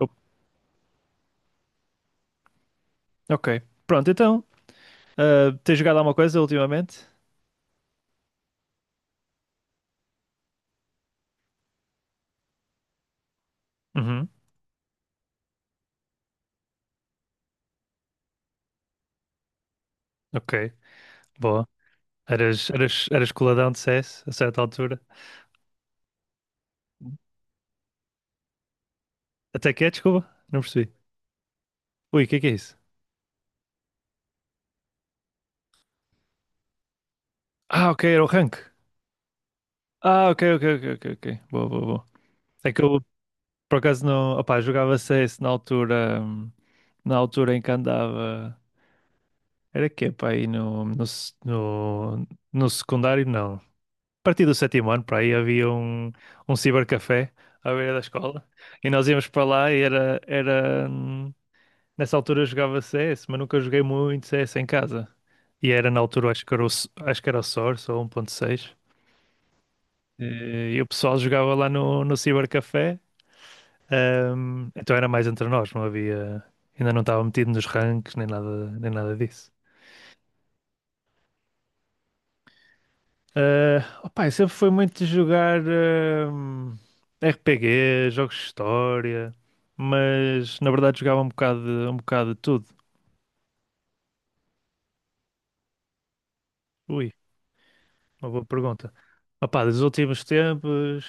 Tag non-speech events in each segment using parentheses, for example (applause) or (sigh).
O- Ok. Pronto, então. Tens jogado alguma coisa ultimamente? Uhum, ok, boa. Eras coladão de CS a certa altura. Até que é, desculpa, não percebi. Ui, o que é isso? Ah, ok, era o rank. Ah, ok, ok, ok, ok, ok. Boa, boa, boa. É que eu, por acaso, não. Opá, jogava CS na altura. Na altura em que andava. Era que, pá, aí no, no, se- no, no secundário, não. A partir do sétimo ano, para aí havia um cibercafé à beira da escola e nós íamos para lá e era, era nessa altura eu jogava CS, mas nunca joguei muito CS em casa. E era na altura, acho que era acho que era o Source ou 1.6. E o pessoal jogava lá no cibercafé, então era mais entre nós, não havia, ainda não estava metido nos ranks nem nada, nem nada disso. Ah, opa, eu sempre foi muito de jogar RPG, jogos de história, mas na verdade jogava um bocado de tudo. Ui, uma boa pergunta. Opa, dos últimos tempos,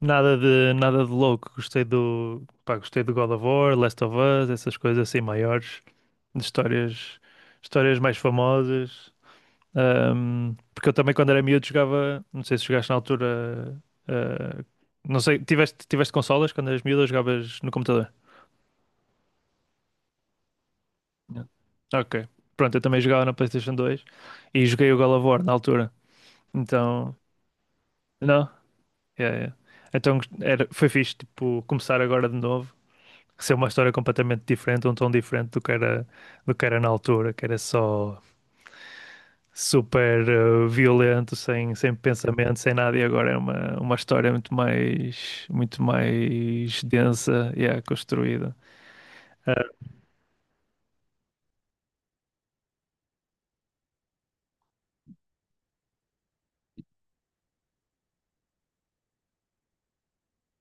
nada de louco. Gostei do God of War, Last of Us, essas coisas assim maiores, de histórias, histórias mais famosas. Porque eu também, quando era miúdo, jogava. Não sei se jogaste na altura. ah, não sei, tiveste consolas quando eras miúdo ou jogavas no computador? Yeah. Ok. Pronto, eu também jogava na PlayStation 2 e joguei o God of War na altura. Então. Não? Yeah, yeah. Foi fixe, tipo, começar agora de novo. Ser uma história completamente diferente, um tom diferente do que era na altura, que era só super violento, sem pensamento, sem nada, e agora é uma história muito mais densa e yeah, construída. Ah,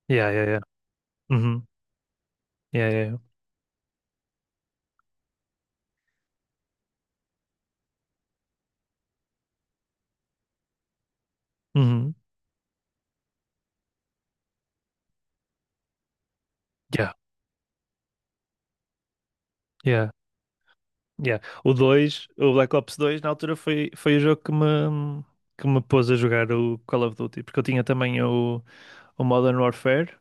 yeah, yeah, yeah. Uhum. Yeah, yeah, yeah. Uhum. Yeah, yeah, yeah. O Black Ops 2 na altura foi, foi o jogo que me pôs a jogar o Call of Duty, porque eu tinha também o Modern Warfare.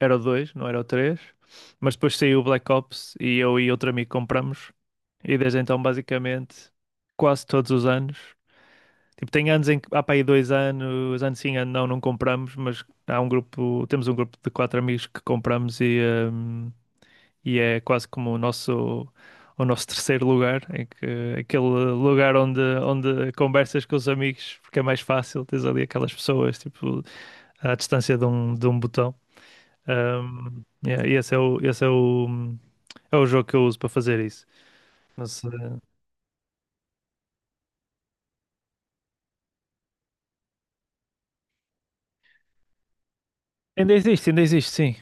Era o 2, não era o 3. Mas depois saiu o Black Ops e eu e outro amigo compramos. E desde então, basicamente, quase todos os anos. Tipo, tem anos em que há para aí dois anos, anos sim, ano não, não compramos, mas há um grupo, temos um grupo de 4 amigos que compramos hum, e é quase como o nosso terceiro lugar, em que, aquele lugar onde conversas com os amigos, porque é mais fácil, tens ali aquelas pessoas, tipo, à distância de um botão. Yeah, e esse é é o jogo que eu uso para fazer isso. Mas, eh, Ainda existe, ainda existe, sim.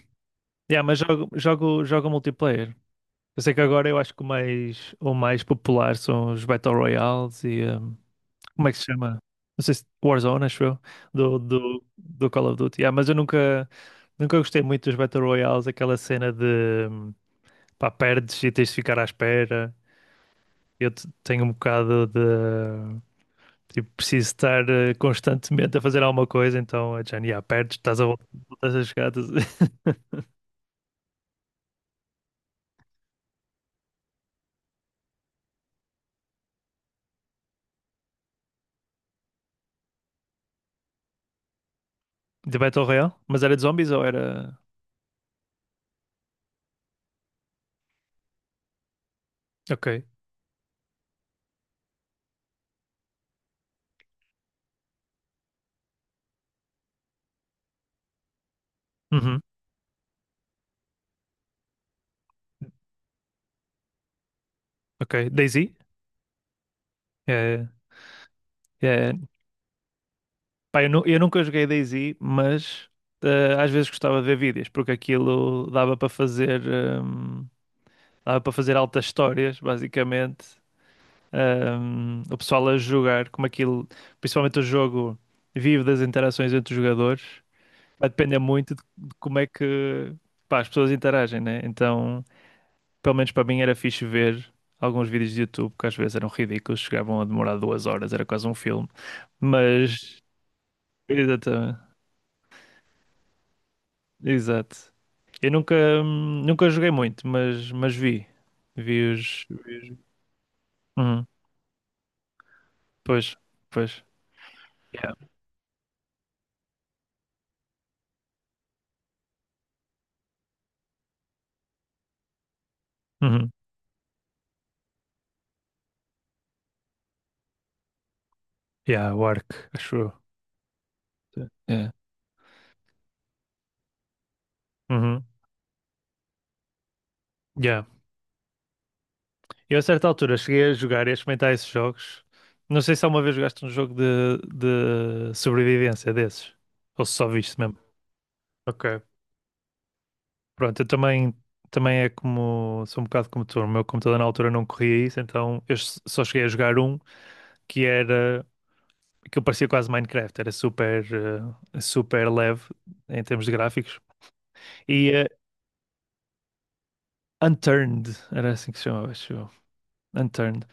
Yeah, mas jogo multiplayer. Eu sei que agora eu acho que o mais popular são os Battle Royales e como é que se chama? Não sei se Warzone, acho eu, do Call of Duty. Yeah, mas eu nunca gostei muito dos Battle Royales, aquela cena de pá, perdes e tens de ficar à espera. Tenho um bocado de. Tipo, preciso estar constantemente a fazer alguma coisa, então, yeah, perdes, voltas a jogar. Estás- (laughs) De Battle Royale? (laughs) Mas era de zombies ou era. Ok. Uhum. Ok. DayZ? É, é... Pá, eu, eu nunca joguei DayZ, mas às vezes gostava de ver vídeos, porque aquilo dava para fazer. hum, Dava para fazer altas histórias, basicamente. O pessoal a jogar, como aquilo. Principalmente o jogo vive das interações entre os jogadores. Vai depender muito de como é que pá, as pessoas interagem, né? Então, pelo menos para mim era fixe ver alguns vídeos de YouTube que às vezes eram ridículos, chegavam a demorar 2 horas, era quase um filme. Mas, exatamente, exato. Eu nunca joguei muito, mas vi. Vi os- Uhum. Pois, pois. Yeah. Uhum. Yeah, o Ark, acho eu. Yeah. Uhum. Yeah. Eu, a certa altura, cheguei a jogar e a experimentar esses jogos. Não sei se alguma vez jogaste um jogo de sobrevivência desses. Ou se só viste mesmo. Ok. Pronto, também é como. Sou um bocado como tu. O meu computador na altura não corria isso, então só cheguei a jogar um que era. Que eu parecia quase Minecraft. Era super leve em termos de gráficos. E eh, Unturned, era assim que se chamava, acho eu. Unturned.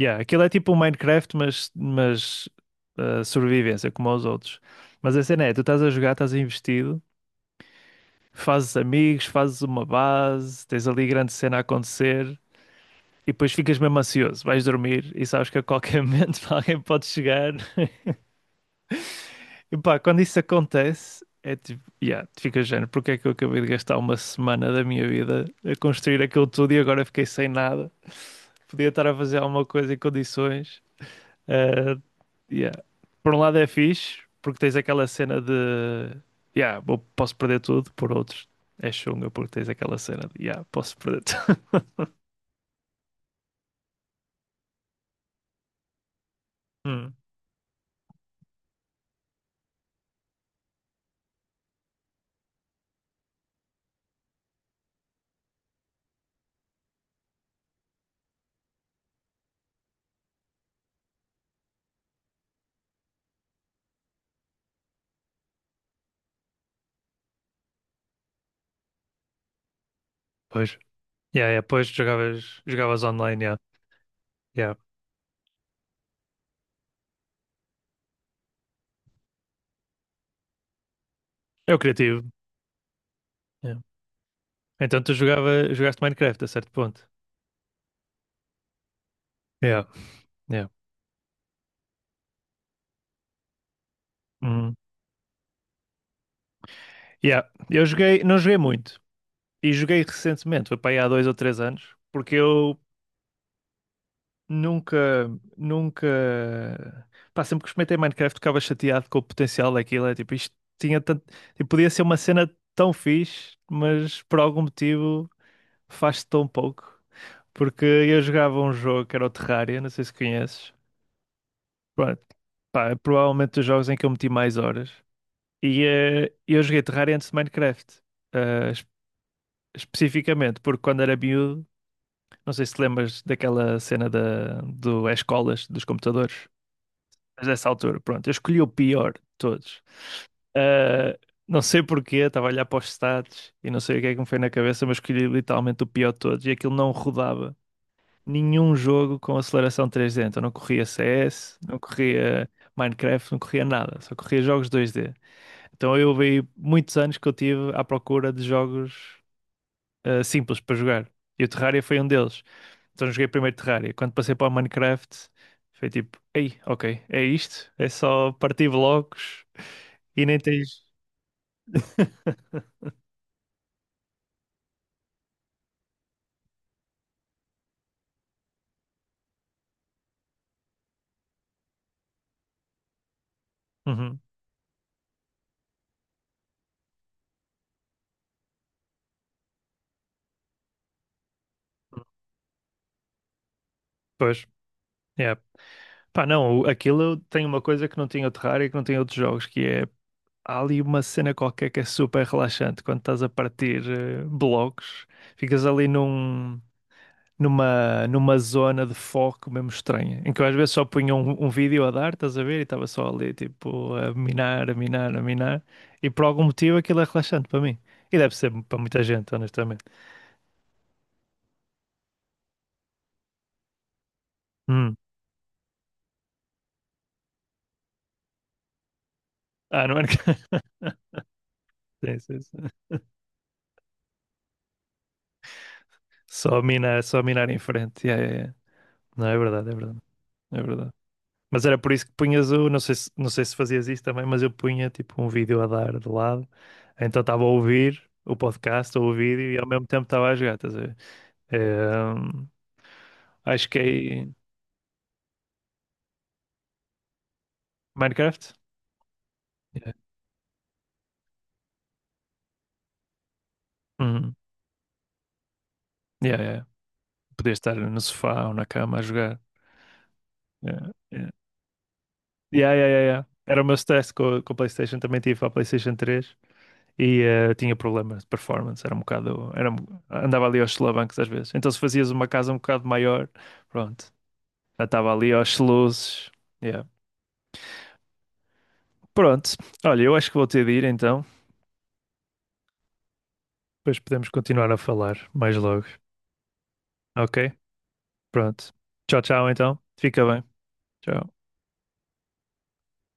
Yeah, aquilo é tipo um Minecraft, mas sobrevivência, como aos outros. Mas a cena é, tu estás a jogar, estás investido, fazes amigos, fazes uma base, tens ali grande cena a acontecer e depois ficas mesmo ansioso, vais dormir e sabes que a qualquer (laughs) momento alguém pode chegar. (laughs) E pá, quando isso acontece, é tipo, yeah, tu ficas género, porque é que eu acabei de gastar uma semana da minha vida a construir aquilo tudo e agora fiquei sem nada? Podia estar a fazer alguma coisa em condições. Uh, yeah. Por um lado é fixe, porque tens aquela cena de yeah, posso perder tudo, por outros é chunga, porque tens aquela cena de yeah, posso perder tudo. (laughs) Hum, pois. Yeah, yeah, pois jogavas online, yeah. Yeah. É o criativo. Yeah. Então tu jogaste Minecraft a certo ponto. Yeah, yeah. Hum. Yeah. Eu joguei, não joguei muito. E joguei recentemente, foi para aí há dois ou três anos, porque eu nunca, nunca. Pá, sempre que experimentei Minecraft ficava chateado com o potencial daquilo. É tipo, isto tinha tanto. Tipo, podia ser uma cena tão fixe, mas por algum motivo faz-se tão pouco. Porque eu jogava um jogo que era o Terraria, não sei se conheces. Pronto, pá, é provavelmente dos jogos em que eu meti mais horas. Eu joguei Terraria antes de Minecraft. eh, es- Especificamente, porque quando era miúdo, não sei se te lembras daquela cena do é escolas dos computadores. Mas dessa altura, pronto, eu escolhi o pior de todos. Ah, não sei porquê, estava a olhar para os stats e não sei o que é que me foi na cabeça, mas escolhi literalmente o pior de todos e aquilo não rodava nenhum jogo com aceleração 3D. Então não corria CS, não corria Minecraft, não corria nada, só corria jogos 2D. Então eu vi muitos anos que eu tive à procura de jogos simples para jogar. E o Terraria foi um deles. Então joguei primeiro Terraria. Quando passei para o Minecraft, foi tipo, ei, ok, é isto, é só partir blocos e nem tens. (laughs) Uhum. Pois, é. Pá, não, aquilo tem uma coisa que não tinha o Terraria, que não tinha outros jogos, que é há ali uma cena qualquer que é super relaxante quando estás a partir blocos, ficas ali num. Numa, numa zona de foco mesmo estranha, em que eu às vezes só punha um vídeo a dar, estás a ver? E estava só ali, tipo, a minar, e por algum motivo aquilo é relaxante para mim. E deve ser para muita gente, honestamente. Hum. Ah, não é? (laughs) Sim, sim, sim. Só minar em frente. Yeah, yeah, yeah. Não, é verdade, é verdade, é verdade. Mas era por isso que punhas o, não sei se, não sei se fazias isso também, mas eu punha tipo um vídeo a dar de lado, então estava a ouvir o podcast ou o vídeo e ao mesmo tempo estava a jogar, estás a ver? Ehm, Acho que é Minecraft. Yeah. Uhum. Yeah, yeah. Podia estar no sofá ou na cama a jogar. Yeah, yeah. Yeah, yeah, yeah, yeah. Era o meu stress com a PlayStation, também tive a PlayStation 3 e tinha problemas de performance, era um bocado, era, um- andava ali aos solavancos às vezes. Então se fazias uma casa um bocado maior, pronto, já estava ali aos luzes. Yeah. Pronto, olha, eu acho que vou ter de ir então, depois podemos continuar a falar mais logo, ok? Pronto, tchau, tchau então, fica bem, tchau.